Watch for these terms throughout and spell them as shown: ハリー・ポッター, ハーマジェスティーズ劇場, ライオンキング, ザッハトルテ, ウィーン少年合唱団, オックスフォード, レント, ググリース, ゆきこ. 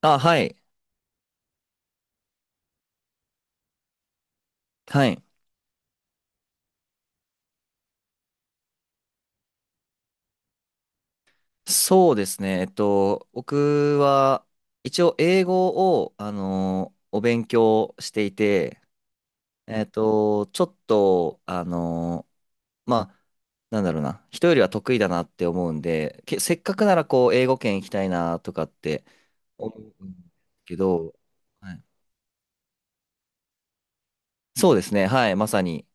あ、はい。はい。そうですね。僕は、一応、英語を、お勉強していて、えっと、ちょっと、あの、まあ、なんだろうな、人よりは得意だなって思うんで、せっかくなら、こう、英語圏行きたいなとかって思うんけど、はい、そうですね。はい。まさに。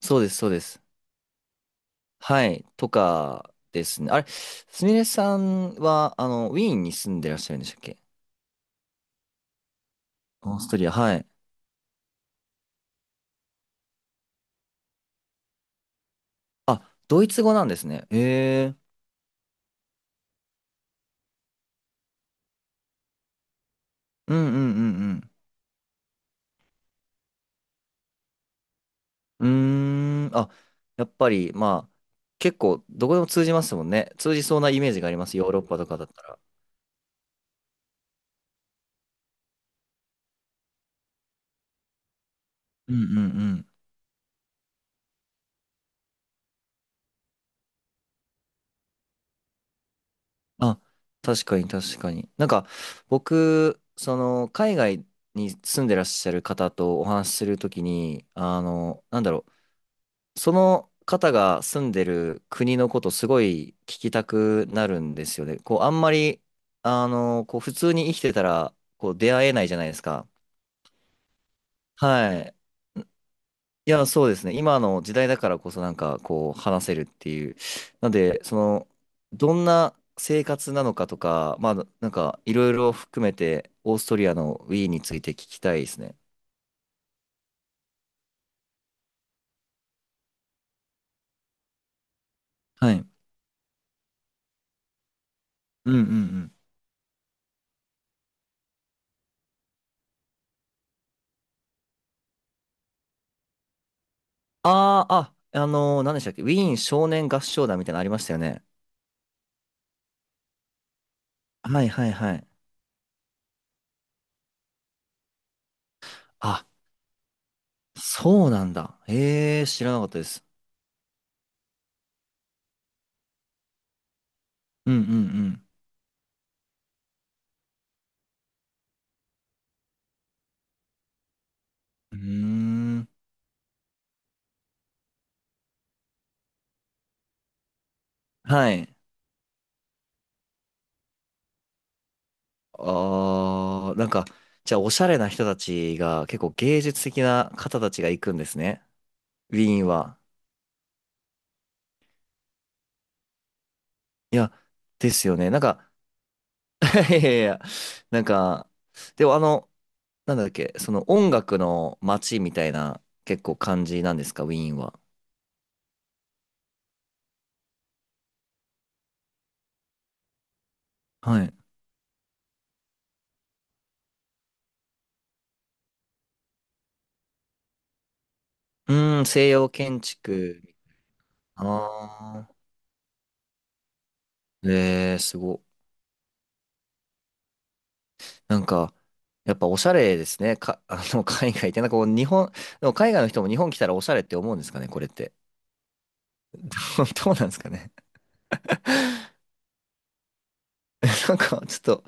そうです、そうです。はい。とかですね。あれ、すみれさんは、ウィーンに住んでらっしゃるんでしたっけ？オーストリア、はい。あ、ドイツ語なんですね。ええ、うんうんうんうん。うーん、あ、やっぱり、まあ、結構、どこでも通じますもんね。通じそうなイメージがあります。ヨーロッパとかだったら。うん。あ、確かに。なんか、僕、その、海外に住んでらっしゃる方とお話しするときに、その方が住んでる国のことすごい聞きたくなるんですよね。こう、あんまり、あの、こう、普通に生きてたら、こう、出会えないじゃないですか。はい。いや、そうですね。今の時代だからこそなんか、こう、話せるっていう。なんで、その、どんな生活なのかとか、まあ、なんか、いろいろ含めて、オーストリアのウィーンについて聞きたいですね。はい。うん。ああ、あ、何でしたっけ、ウィーン少年合唱団みたいなのありましたよね。はいはいはい。あ、そうなんだ。ええ、知らなかったです。うんうんうん。うーん。はい。あー、なんか、じゃあ、おしゃれな人たちが、結構芸術的な方たちが行くんですね。ウィーンは。いや、ですよね。なんか、いやいやいや、なんか、でもあの、なんだっけ、その音楽の街みたいな、結構感じなんですか、ウィーンは？はい。うーん、西洋建築。あー。えー、すごい。なんか、やっぱおしゃれですね。か、海外って。なんかこう、日本、でも海外の人も日本来たらおしゃれって思うんですかね、これって？どうなんですかね。なんか、ちょっと、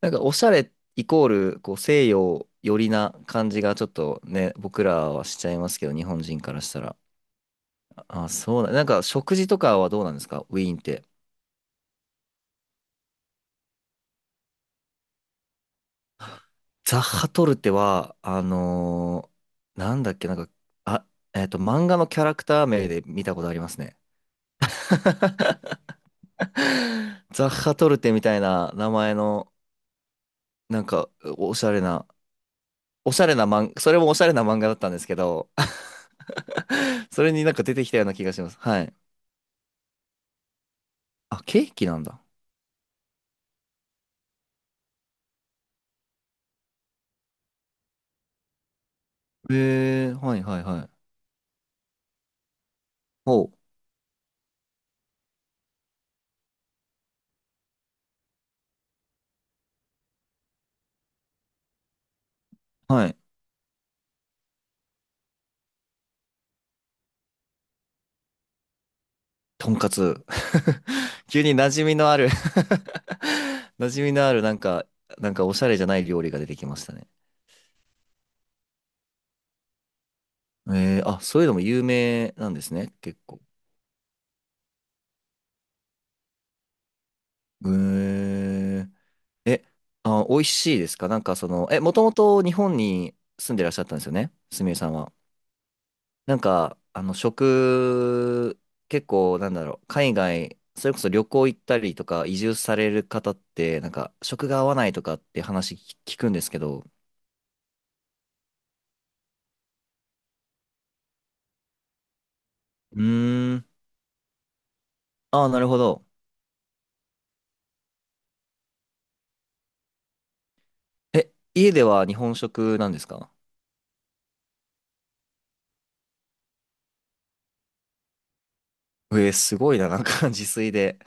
なんかおしゃれイコール、こう、西洋寄りな感じがちょっとね、僕らはしちゃいますけど、日本人からしたら。あ、そうだ。なんか、食事とかはどうなんですか、ウィーンって？ザッハトルテは、なんだっけ、なんか、あ、漫画のキャラクター名で見たことありますね。ザッハトルテみたいな名前の、なんか、おしゃれな、おしゃれな漫画、それもおしゃれな漫画だったんですけど、それになんか出てきたような気がします。はい。あ、ケーキなんだ。へえ、はいはいはい。おう、はい。とんかつ。急に馴染みのある 馴染みのある、なんか、なんかおしゃれじゃない料理が出てきましたね。えー、あ、そういうのも有名なんですね、結構。へえ、え、あ、美味しいですかなんかその、え、もともと日本に住んでらっしゃったんですよね、すみれさんは？なんか、あの、食、結構、なんだろう、海外、それこそ旅行行ったりとか、移住される方って、なんか、食が合わないとかって話聞くんですけど。うーん。ああ、なるほど。え、家では日本食なんですか？えー、すごいな、なんか 自炊で。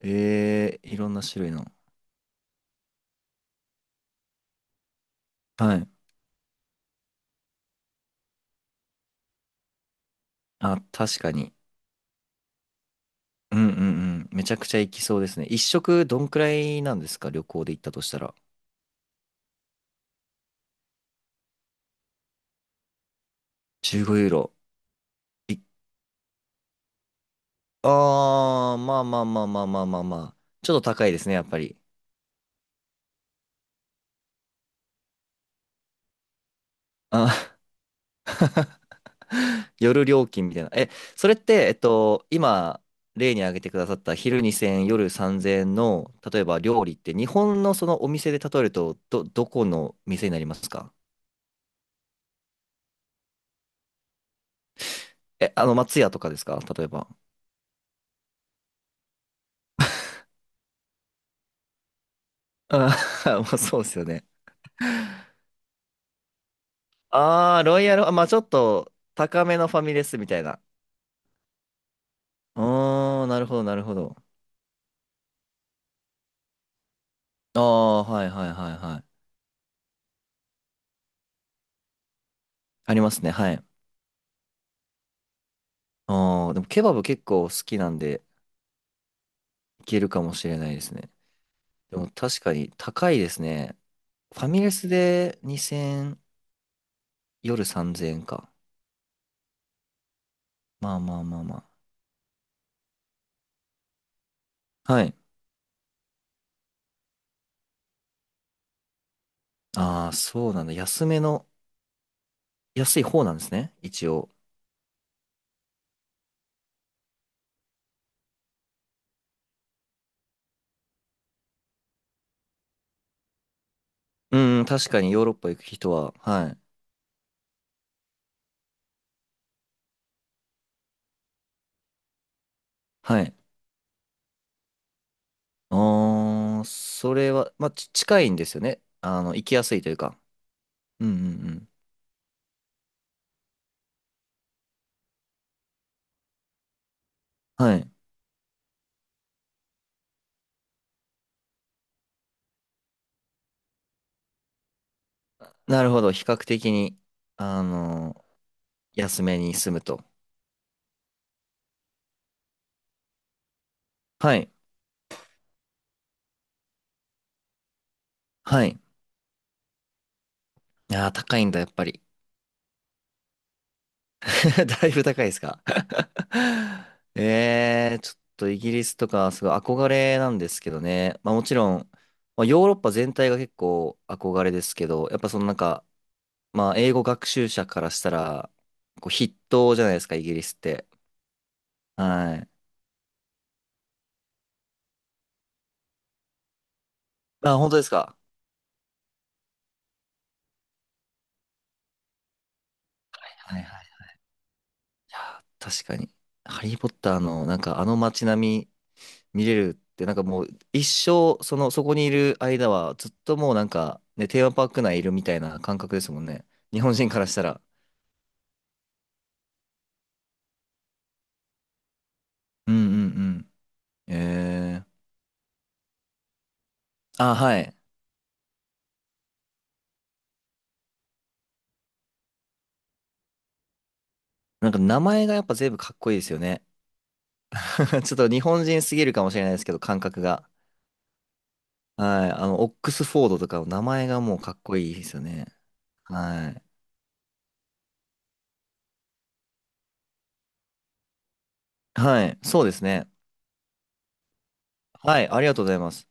えー、いろんな種類の。はい。あ、確かに。うんうんうん。めちゃくちゃ行きそうですね。一食どんくらいなんですか旅行で行ったとしたら？15ユーロ。い、あー、まあまあまあまあまあまあまあ。ちょっと高いですね、やっぱり。あ、夜料金みたいな。え、それって、今、例に挙げてくださった昼2000、夜3000の、例えば料理って、日本のそのお店で例えると、ど、どこの店になりますか？え、あの、松屋とかですか例えば？あー まあそうですよね。ああ、ロイヤル、あ、まあちょっと高めのファミレスみたいな。ああ、なるほど、なるほど。ああ、はいはいはいはい。ありますね、はい。ああ、でもケバブ結構好きなんで、いけるかもしれないですね。でも確かに高いですね。ファミレスで2000、夜3000円か。まあまあまあまあ。はい。ああ、そうなんだ。安めの、安い方なんですね、一応。うん、確かにヨーロッパ行く人は、はい。はい。ああ、それは、まあ、ち近いんですよね。あの、行きやすいというか。うん。はい。なるほど。比較的に、あの、安めに住むと。はい。はい。ああ、高いんだ、やっぱり。だいぶ高いですか？え、えー、ちょっとイギリスとか、すごい憧れなんですけどね。まあ、もちろん、まあ、ヨーロッパ全体が結構憧れですけど、やっぱそのなんか、まあ、英語学習者からしたら、こう筆頭じゃないですか、イギリスって。はい。あ、本当ですか？はいはい。いや、確かに。ハリー・ポッターの、なんかあの街並み見れるって、なんかもう一生、その、そこにいる間は、ずっともうなんか、ね、テーマパーク内いるみたいな感覚ですもんね。日本人からしたら。うんうんうん。えー。あ、はい。なんか名前がやっぱ全部かっこいいですよね。ちょっと日本人すぎるかもしれないですけど、感覚が。はい。あの、オックスフォードとかの名前がもうかっこいいですよね。はい。はい。そうですね。はい。ありがとうございます。